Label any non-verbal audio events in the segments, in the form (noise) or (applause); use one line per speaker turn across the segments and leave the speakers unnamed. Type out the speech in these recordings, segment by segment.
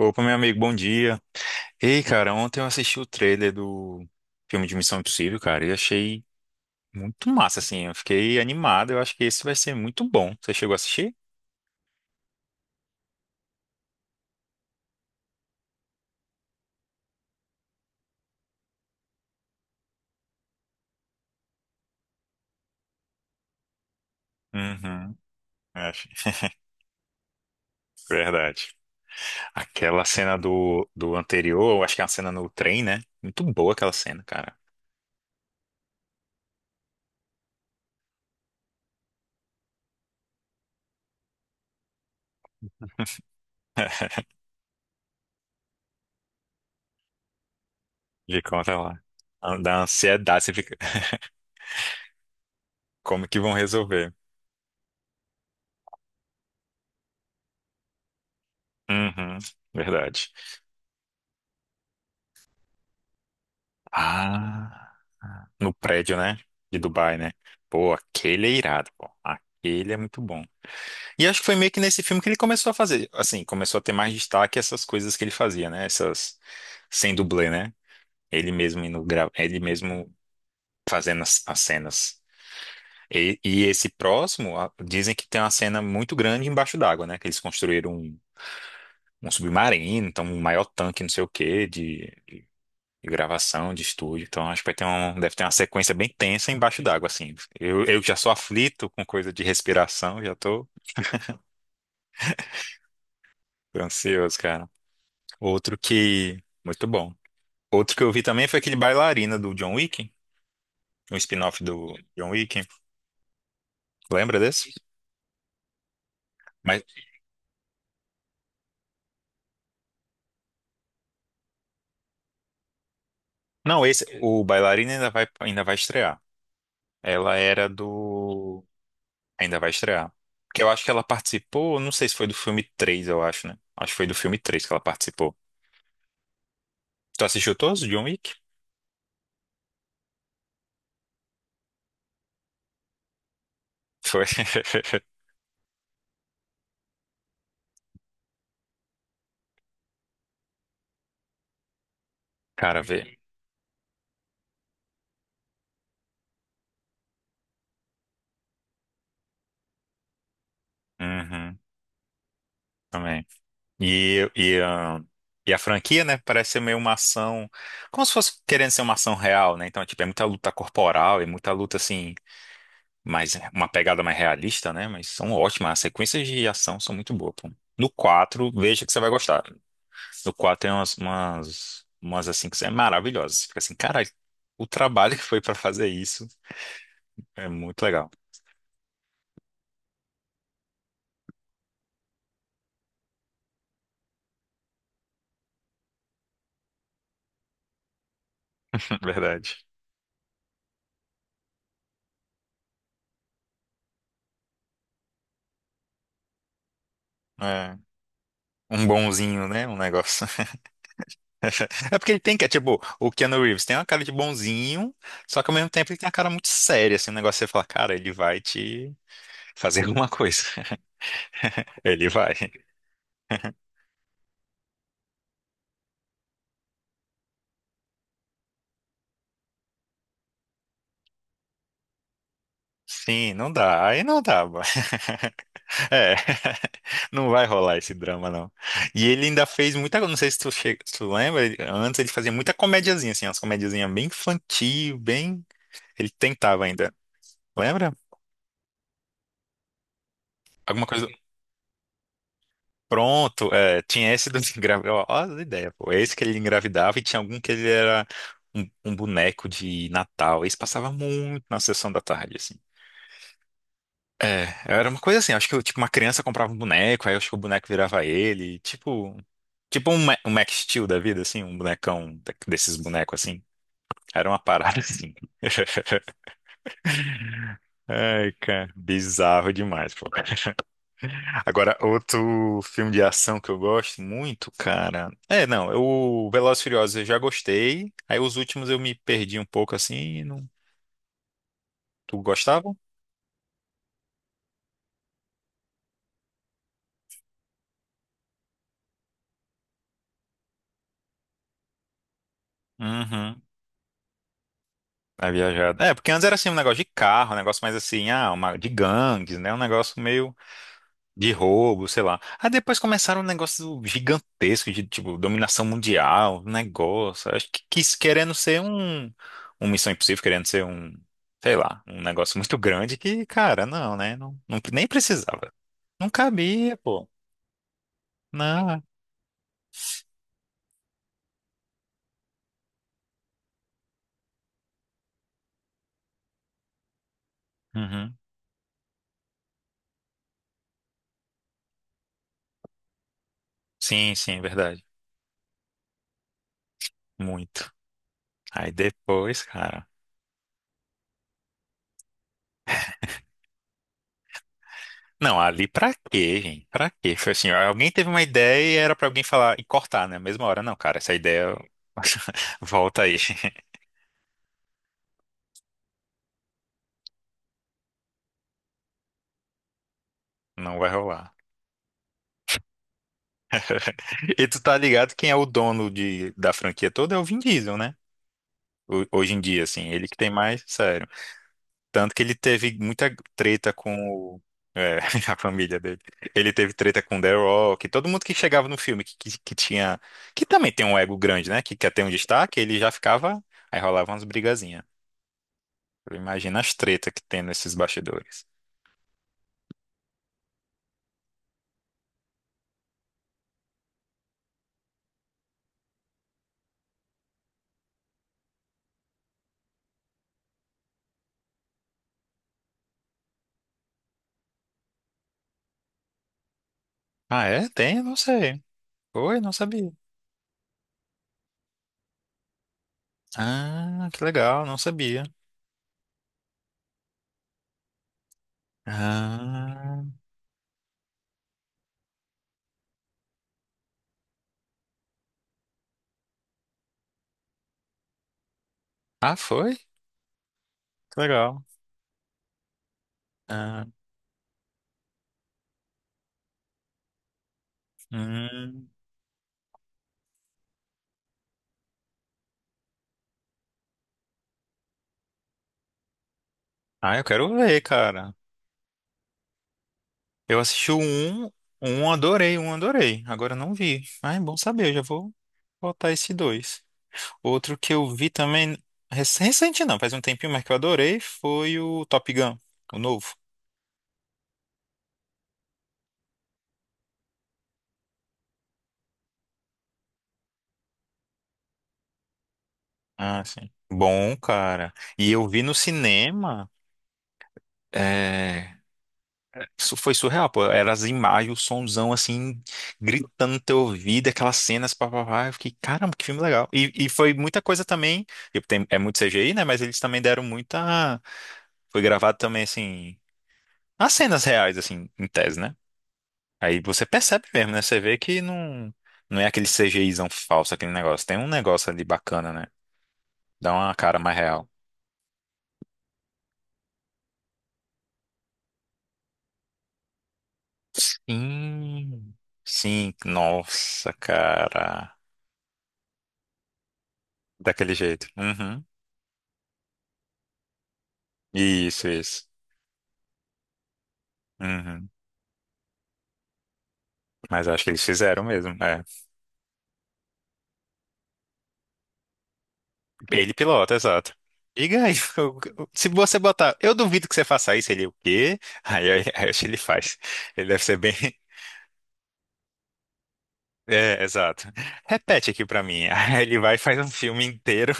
Opa, meu amigo, bom dia. Ei, cara, ontem eu assisti o trailer do filme de Missão Impossível, cara, e achei muito massa, assim. Eu fiquei animado, eu acho que esse vai ser muito bom. Você chegou a assistir? Uhum. É, acho. (laughs) Verdade. Aquela cena do anterior, eu acho que é uma cena no trem, né? Muito boa aquela cena, cara. (laughs) De conta lá. Da ansiedade, você fica. (laughs) Como que vão resolver? Uhum. Verdade. Ah, no prédio, né? De Dubai, né? Pô, aquele é irado, pô. Aquele é muito bom. E acho que foi meio que nesse filme que ele começou a fazer, assim, começou a ter mais destaque essas coisas que ele fazia, né? Essas sem dublê, né? Ele mesmo indo gra... ele mesmo fazendo as cenas. E esse próximo, a- dizem que tem uma cena muito grande embaixo d'água, né? Que eles construíram um, um submarino, então um maior tanque, não sei o quê, de gravação, de estúdio. Então acho que vai ter um, deve ter uma sequência bem tensa embaixo d'água, assim. Eu já sou aflito com coisa de respiração, já tô ansioso, cara. Outro que. Muito bom. Outro que eu vi também foi aquele Bailarina do John Wick, um spin-off do John Wick. Lembra desse? Mas não, esse, o Bailarina ainda vai estrear. Ela era do. Ainda vai estrear. Porque eu acho que ela participou, não sei se foi do filme 3, eu acho, né? Acho que foi do filme 3 que ela participou. Tu assistiu todos, John Wick? Foi. (laughs) Cara, vê. Uhum, também. E, e, ahn, e a franquia, né? Parece ser meio uma ação. Como se fosse querendo ser uma ação real, né? Então, tipo, é muita luta corporal e muita luta, assim, mais, uma pegada mais realista, né? Mas são ótimas. As sequências de ação são muito boas, pô. No 4 veja que você vai gostar. No 4 tem umas, umas, umas assim, que são maravilhosas. Você fica assim, cara, o trabalho que foi pra fazer isso é muito legal. (laughs) Verdade. É. Um bonzinho, né? Um negócio. (laughs) É porque ele tem que, é tipo, o Keanu Reeves tem uma cara de bonzinho, só que ao mesmo tempo ele tem uma cara muito séria, assim, um negócio que você fala, cara, ele vai te fazer alguma coisa. (laughs) Ele vai. Sim, não dá, aí não dá. Bo- (laughs) É, (laughs) não vai rolar esse drama, não. E ele ainda fez muita, não sei se tu, che- se tu lembra, ele- antes ele fazia muita comediazinha, assim, umas comediazinhas bem infantil, bem. Ele tentava ainda, lembra? Alguma coisa. Pronto, é, tinha esse do (laughs) engravidar. Ó, ó as ideias, pô. Esse que ele engravidava e tinha algum que ele era um, um boneco de Natal. Esse passava muito na sessão da tarde, assim. É, era uma coisa assim, acho que tipo, uma criança comprava um boneco, aí acho que o boneco virava ele, tipo, tipo um, Ma- um Max Steel da vida, assim, um bonecão da- desses bonecos assim. Era uma parada assim. (laughs) Ai, cara, bizarro demais, pô. Agora, outro filme de ação que eu gosto muito, cara. É, não, é o Velozes e Furiosos eu já gostei. Aí os últimos eu me perdi um pouco assim. E não... Tu gostava? Uhum. A viajada. É, porque antes era assim um negócio de carro, um negócio mais assim, ah, uma... de gangues, né? Um negócio meio. De roubo, sei lá. Aí depois começaram um negócio gigantesco de, tipo, dominação mundial, um negócio. Acho que quis querendo ser um, um Missão Impossível, querendo ser um, sei lá, um negócio muito grande que, cara, não, né? Não, não- nem precisava. Não cabia, pô. Não. Uhum. Sim, sim, verdade. Muito. Aí depois, cara. Não, ali pra quê, gente? Pra quê? Foi assim, alguém teve uma ideia e era pra alguém falar e cortar, né? Mesma hora, não, cara, essa ideia (laughs) volta aí. Não vai rolar. (laughs) E tu tá ligado quem é o dono de, da franquia toda é o Vin Diesel, né? Ho- Hoje em dia, assim, ele que tem mais, sério. Tanto que ele teve muita treta com o, é, (laughs) a família dele. Ele teve treta com The Rock, todo mundo que chegava no filme que, que tinha, que também tem um ego grande, né? Que quer ter um destaque, ele já ficava, aí rolava umas brigazinhas. Imagina as tretas que tem nesses bastidores. Ah, é? Tem? Eu não sei. Oi, não sabia. Ah, que legal, não sabia. Ah. Ah, foi? Que legal. Ah, hum. Ah, eu quero ver, cara. Eu assisti o um, um adorei, um adorei. Agora eu não vi. Ah, é bom saber, eu já vou botar esse dois. Outro que eu vi também, rec- recente não, faz um tempinho, mas que eu adorei, foi o Top Gun, o novo. Ah, sim. Bom, cara. E eu vi no cinema. É... Isso foi surreal, pô. Era as imagens, o sonzão assim, gritando no teu ouvido, aquelas cenas, papapá. Eu fiquei, caramba, que filme legal. E foi muita coisa também. E tem- é muito CGI, né? Mas eles também deram muita. Foi gravado também, assim, as cenas reais, assim, em tese, né? Aí você percebe mesmo, né? Você vê que não, não é aquele CGIzão falso, aquele negócio. Tem um negócio ali bacana, né? Dá uma cara mais real. Sim. Sim, nossa, cara. Daquele jeito. Uhum. Isso, isso. Uhum. Mas acho que eles fizeram mesmo. É. Ele pilota, exato. Diga aí, (laughs) se você botar, eu duvido que você faça isso, ele é o quê? Aí acho que ele faz. Ele deve ser bem. (laughs) É, exato. Repete aqui pra mim. (laughs) Aí ele vai e faz um filme inteiro.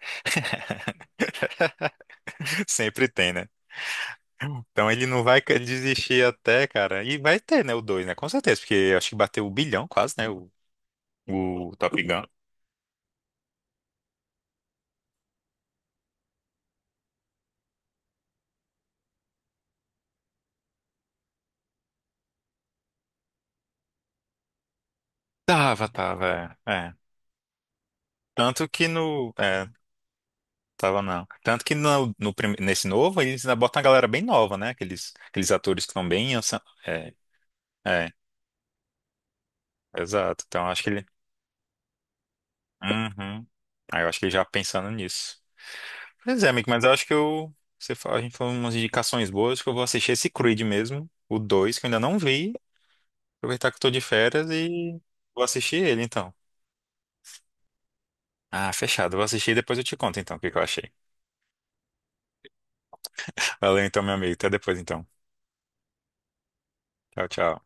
(laughs) Sempre tem, né? Então ele não vai desistir até, cara. E vai ter, né, o 2, né? Com certeza, porque eu acho que bateu o bilhão quase, né? O Top Gun. Tava, tava. É. É. Tanto que no. É, tava não. Tanto que no, no prim- nesse novo, eles ainda botam a galera bem nova, né? Aqueles, aqueles atores que estão bem. Anci- é, é, exato. Então acho que ele. Uhum. Aí eu acho que ele já pensando nisso. Pois é, amigo, mas eu acho que eu. Você fa- a gente falou umas indicações boas, acho que eu vou assistir esse Creed mesmo, o 2 que eu ainda não vi. Aproveitar que eu tô de férias e vou assistir ele então. Ah, fechado. Vou assistir e depois eu te conto então o que que eu achei. Valeu então, meu amigo. Até depois então. Tchau, tchau.